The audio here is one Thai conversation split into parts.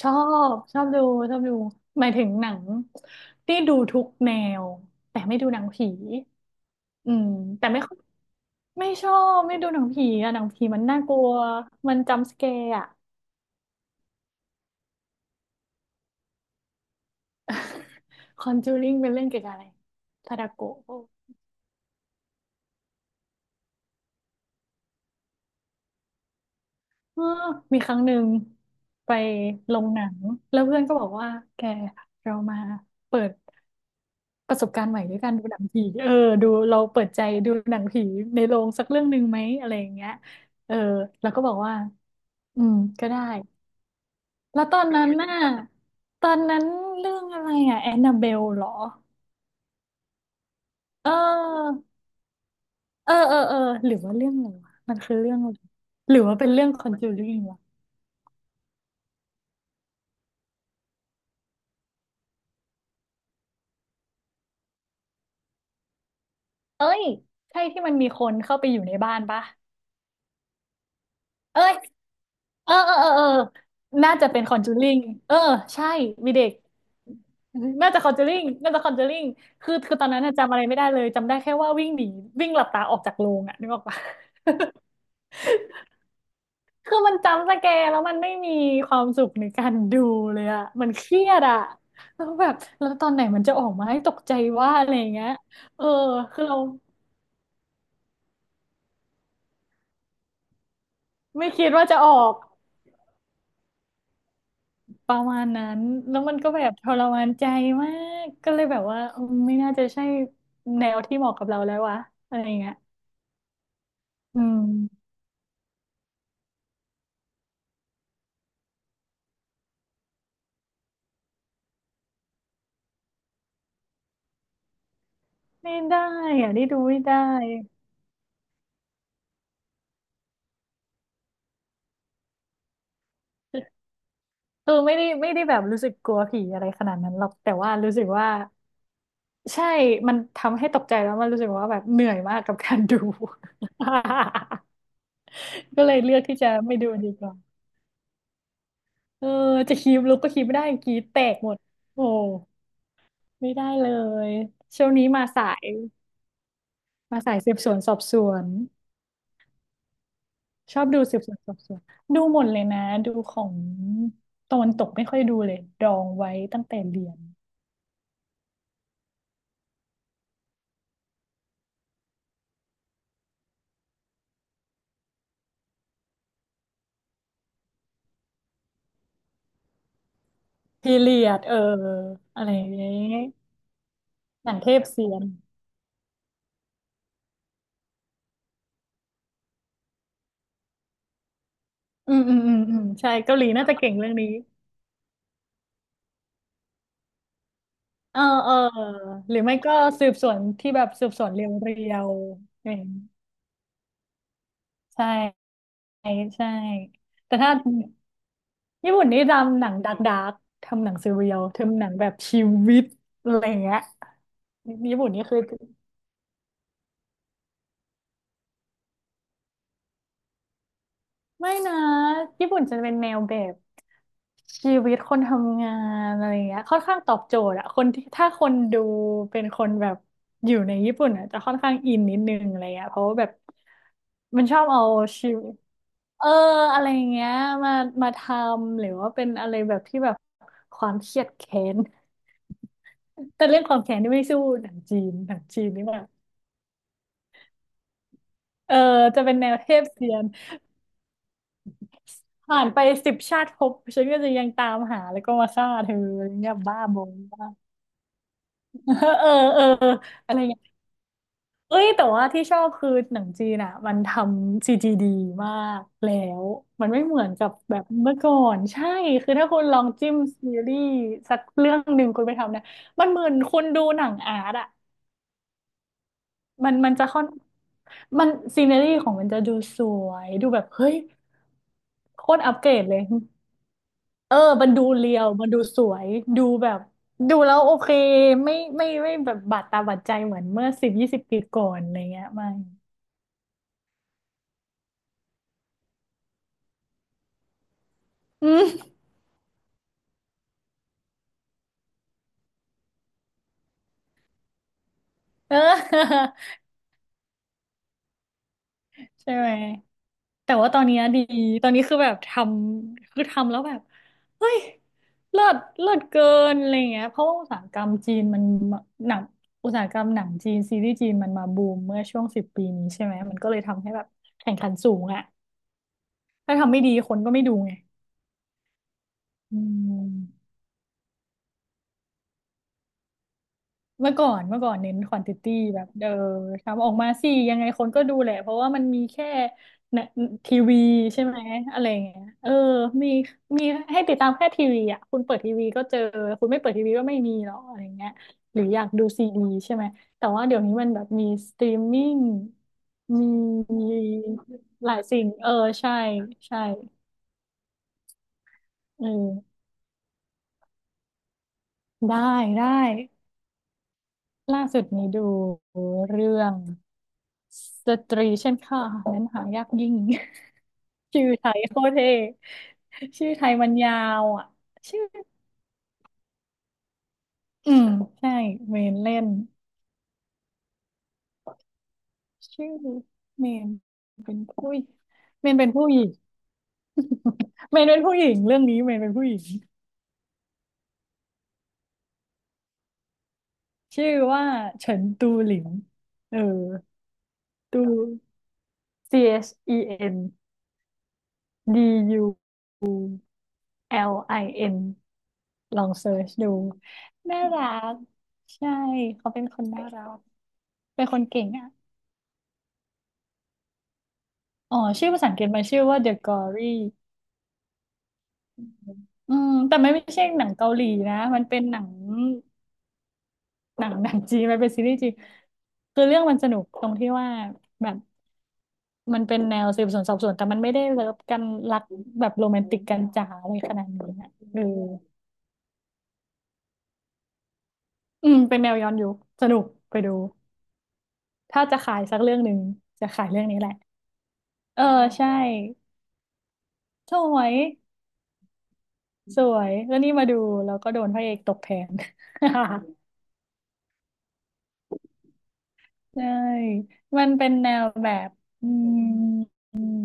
ชอบชอบดูชอบดูหมายถึงหนังที่ดูทุกแนวแต่ไม่ดูหนังผีอืมแต่ไม่ค่อยไม่ชอบไม่ดูหนังผีอะหนังผีมันน่ากลัวมันจัมป์สแกร์อะคอนจูริงเป็นเรื่องเกี่ยวกับอะไรทาดาโกะเออมีครั้งหนึ่งไปลงหนังแล้วเพื่อนก็บอกว่าแกเรามาเปิดประสบการณ์ใหม่ด้วยกันดูหนังผีเออดูเราเปิดใจดูหนังผีในโรงสักเรื่องหนึ่งไหมอะไรอย่างเงี้ยเออแล้วก็บอกว่า อืมก็ได้แล้วตอนนั้นเรื่องอะไรอ่ะแอนนาเบลเหรอเออเออเออเออหรือว่าเรื่องอะไรวะมันคือเรื่องอะไรหรือว่าเป็นเรื่องคอนจูริงวะเอ้ยใช่ที่มันมีคนเข้าไปอยู่ในบ้านปะเอ้ยเออเออเออเออน่าจะเป็นคอนจูริงเออใช่มีเด็กน่าจะคอนเจอริงน่าจะคอนเจอริงคือตอนนั้นน่ะจำอะไรไม่ได้เลยจำได้แค่ว่าวิ่งหนีวิ่งหลับตาออกจากโรงอะนึกออกปะ คือมันจำสแกร์แล้วมันไม่มีความสุขในการดูเลยอะมันเครียดอะแล้วตอนไหนมันจะออกมาให้ตกใจว่าอะไรอย่างเงี้ยเออคือเราไม่คิดว่าจะออกประมาณนั้นแล้วมันก็แบบทรมานใจมากก็เลยแบบว่าเออไม่น่าจะใช่แนวที่เหมาะกับเราแล้ววะอะไรอย่างเงี้ยอืมไม่ได้อะนี่ดูไม่ได้คือไม่ได้แบบรู้สึกกลัวผีอะไรขนาดนั้นหรอกแต่ว่ารู้สึกว่า ใช่มันทำให้ตกใจแล้วมันรู้สึกว่าแบบเหนื่อยมากกับการดู ก็เลยเลือกที่จะไม่ดูดีกว่าเออจะคีบลุกก็คีบไม่ได้กรีดแตกหมดโอ้ไม่ได้เลยช่วงนี้มาสาย มาสายสืบสวนสอบสวน ชอบดูสืบสวนสอบสวน ดูหมดเลยนะ ดูของตะวันตกไม่ค่อยดูเลย ดองไว้ตั้งแต่เรียนพีเรียดเอออะไรอย่างเงี้ยหนังเทพเสียนอืมใช่เกาหลีน่าจะเก่งเรื่องนี้ เออเออหรือไม่ก็สืบสวนที่แบบสืบสวนเรียวๆอะไรอย่างนี้ใช่ใช่แต่ถ้าญี่ปุ่นนี่ทำหนังดาร์กดากทำหนังซีเรียลทำหนังแบบชีวิตอะไรอย่างเงี้ยญี่ปุ่นนี่คือไม่นะญี่ปุ่นจะเป็นแนวแบบชีวิตคนทำงานอะไรเงี้ยค่อนข้างตอบโจทย์อะคนที่ถ้าคนดูเป็นคนแบบอยู่ในญี่ปุ่นอะจะค่อนข้างอินนิดนึงอะไรเงี้ยเพราะว่าแบบมันชอบเอาชีวิต เอออะไรอย่างเงี้ยมามาทำหรือว่าเป็นอะไรแบบที่แบบความเครียดแค้น แต่เรื่องความแค้นนี่ไม่สู้หนังจีนนี่แบบเออจะเป็นแนวเทพเซียนผ่านไป10 ชาติภพฉันก็จะยังตามหาแล้วก็มาฆ่าเธออย่างเงี้ยบ้าบงบ้า เออเออออะไร เอ้ยแต่ว่าที่ชอบคือหนังจีนอ่ะมันทำซีจีดีมากแล้วมันไม่เหมือนกับแบบเมื่อก่อนใช่คือถ้าคุณลองจิ้มซีรีส์สักเรื่องหนึ่งคุณไปทำนะมันเหมือนคุณดูหนังอาร์ตอ่ะมันจะค่อนมันซีเนรี่ของมันจะดูสวยดูแบบเฮ้ยโคตรอัปเกรดเลยเออมันดูเรียวมันดูสวยดูแบบดูแล้วโอเคไม่แบบบาดตาบาดใจเหมือนเมื่อ10-20 ปีก่อนอะไรเงี้ยไม่อืมเออ ใช่ไหมแต่ว่าตอนเนี้ยดีตอนนี้คือแบบทำคือทำแล้วแบบเฮ้ยเลิศเกินอะไรเงี้ยเพราะว่าอุตสาหกรรมจีนมันมาหนังอุตสาหกรรมหนังจีนซีรีส์จีนมันมาบูมเมื่อช่วงสิบปีนี้ใช่ไหมมันก็เลยทำให้แบบแข่งขันสูงอะถ้าทำไม่ดีคนก็ไม่ดูไงอืม เมื่อก่อนเน้นควอนติตี้แบบเออทำออกมาสิยังไงคนก็ดูแหละเพราะว่ามันมีแค่นะทีวีใช่ไหมอะไรอย่างเงี้ยเออมีมีให้ติดตามแค่ทีวีอ่ะคุณเปิดทีวีก็เจอคุณไม่เปิดทีวีก็ไม่มีหรอกอะไรอย่างเงี้ยหรืออยากดูซีดีใช่ไหมแต่ว่าเดี๋ยวนี้มันแบบมีสตรีมมิ่งมีมีหลายสิ่งเออใช่ใช่เออได้ได้ล่าสุดนี้ดูเรื่อง สตรีเช่นข้านั้นหายากยิ่ง ชื่อไทยโคตรเท่ชื่อไทยมันยาวอ่ะชื่ออืมใช่เมนเล่นชื่อเมนเป็นผู้หญิงเมนเป็นผู้หญิงเมนเป็นผู้หญิงเรื่องนี้เมนเป็นผู้หญิงชื่อว่าเฉินตูหลินเออตู Chendulin ลองเซิร์ชดูน่ารักใช่เขาเป็นคนน่ารักเป็นคนเก่งอ่ะอ๋อชื่อภาษาอังกฤษมันชื่อว่า The Glory อืมอืมแต่ไม่ใช่หนังเกาหลีนะมันเป็นหนังหนังจีนมันเป็นซีรีส์จีนคือเรื่องมันสนุกตรงที่ว่าแบบมันเป็นแนวสืบสวนสอบสวนแต่มันไม่ได้เลิฟกันรักแบบโรแมนติกกันจ๋าอะไรขนาดนี้นะเอออืมเป็นแนวย้อนยุคสนุกไปดูถ้าจะขายสักเรื่องหนึ่งจะขายเรื่องนี้แหละ เออใช่สวยสวยแล้วนี่มาดูแล้วก็โดนพระเอกตกแผน ใช่มันเป็นแนวแบบอืมอืม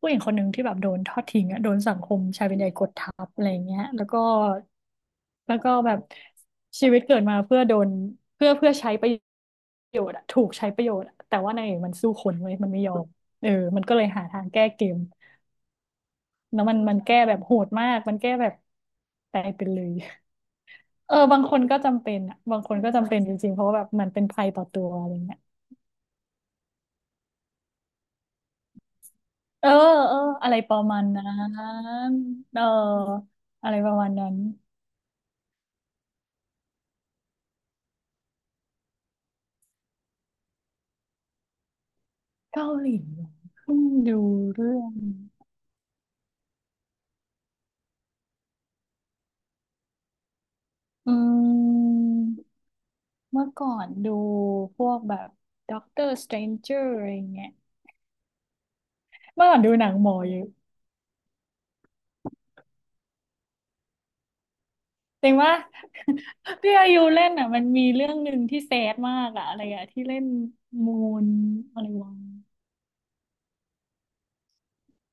ผู้หญิงคนหนึ่งที่แบบโดนทอดทิ้งอะโดนสังคมชายเป็นใหญ่กดทับอะไรเงี้ยแล้วก็แล้วก็แบบชีวิตเกิดมาเพื่อโดนเพื่อใช้ประโยชน์อะถูกใช้ประโยชน์อะแต่ว่านางเอกมันสู้คนไว้ยมันไม่ยอมเออมันก็เลยหาทางแก้เกมแล้วมันแก้แบบโหดมากมันแก้แบบตายไปเลย เออบางคนก็จำเป็นอะบางคนก็จำเป็นจริงๆเพราะว่าแบบมันเป็นภัยต่อตัวอะไรเงี้ยเออเอออะไรประมาณนั้นเอออะไรประมาณนั้นเกาหลีเหรอเพิ่งดูเรื่องอืมเมื่อก่อนดูพวกแบบด็อกเตอร์สเตรนเจอร์อะไรเงี้ยเมื่อก่อนดูหนังหมออยู่จริงว่า พี่อายุเล่นอ่ะมันมีเรื่องหนึ่งที่แซดมากอ่ะอะไรอ่ะที่เล่นมูนอะไรวะ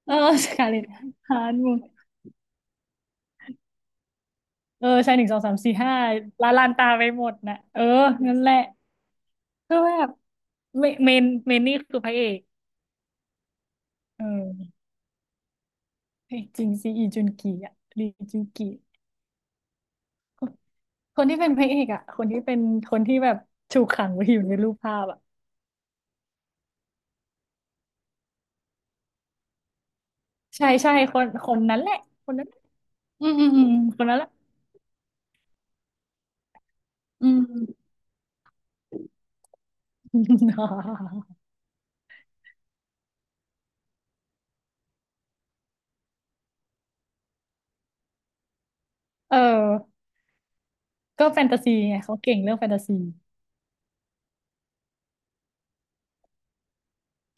เออ สการ์เล็ตฮาร์ t มูน เออใช่หนึ่งสองสามสี่ห้าละลานตาไปหมดนะเออนั่นแหละก็แบบเมนเมนนี่คือพระเอกเออเฮ้ยจริงซีอีจุนกีอ่ะรีจุนกีคนคนที่เป็นพระเอกอ่ะคนที่เป็นคนที่แบบถูกขังไว้อยู่ในรูปภาพอ่ะใช่ใช่คนนั้นแหละคนนั้นอืมอืมอืมคนนั้นแหละอืม เออก็แฟนตาซีไงเขาเก่งเรื่องแฟนตาซี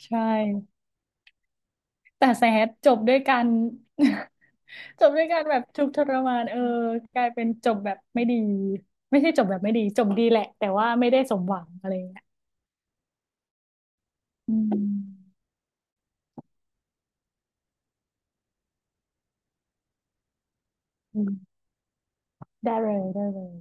ใช่แต่แซดจบด้วยกัน จบด้วยการแบบทุกข์ทรมานเออกลายเป็นจบแบบไม่ดีไม่ใช่จบแบบไม่ดีจบดีแหละแต่ว่าไม่ได้สมหวังอะไรอย่างเงี้ยอืมอืมได้เลยได้เลย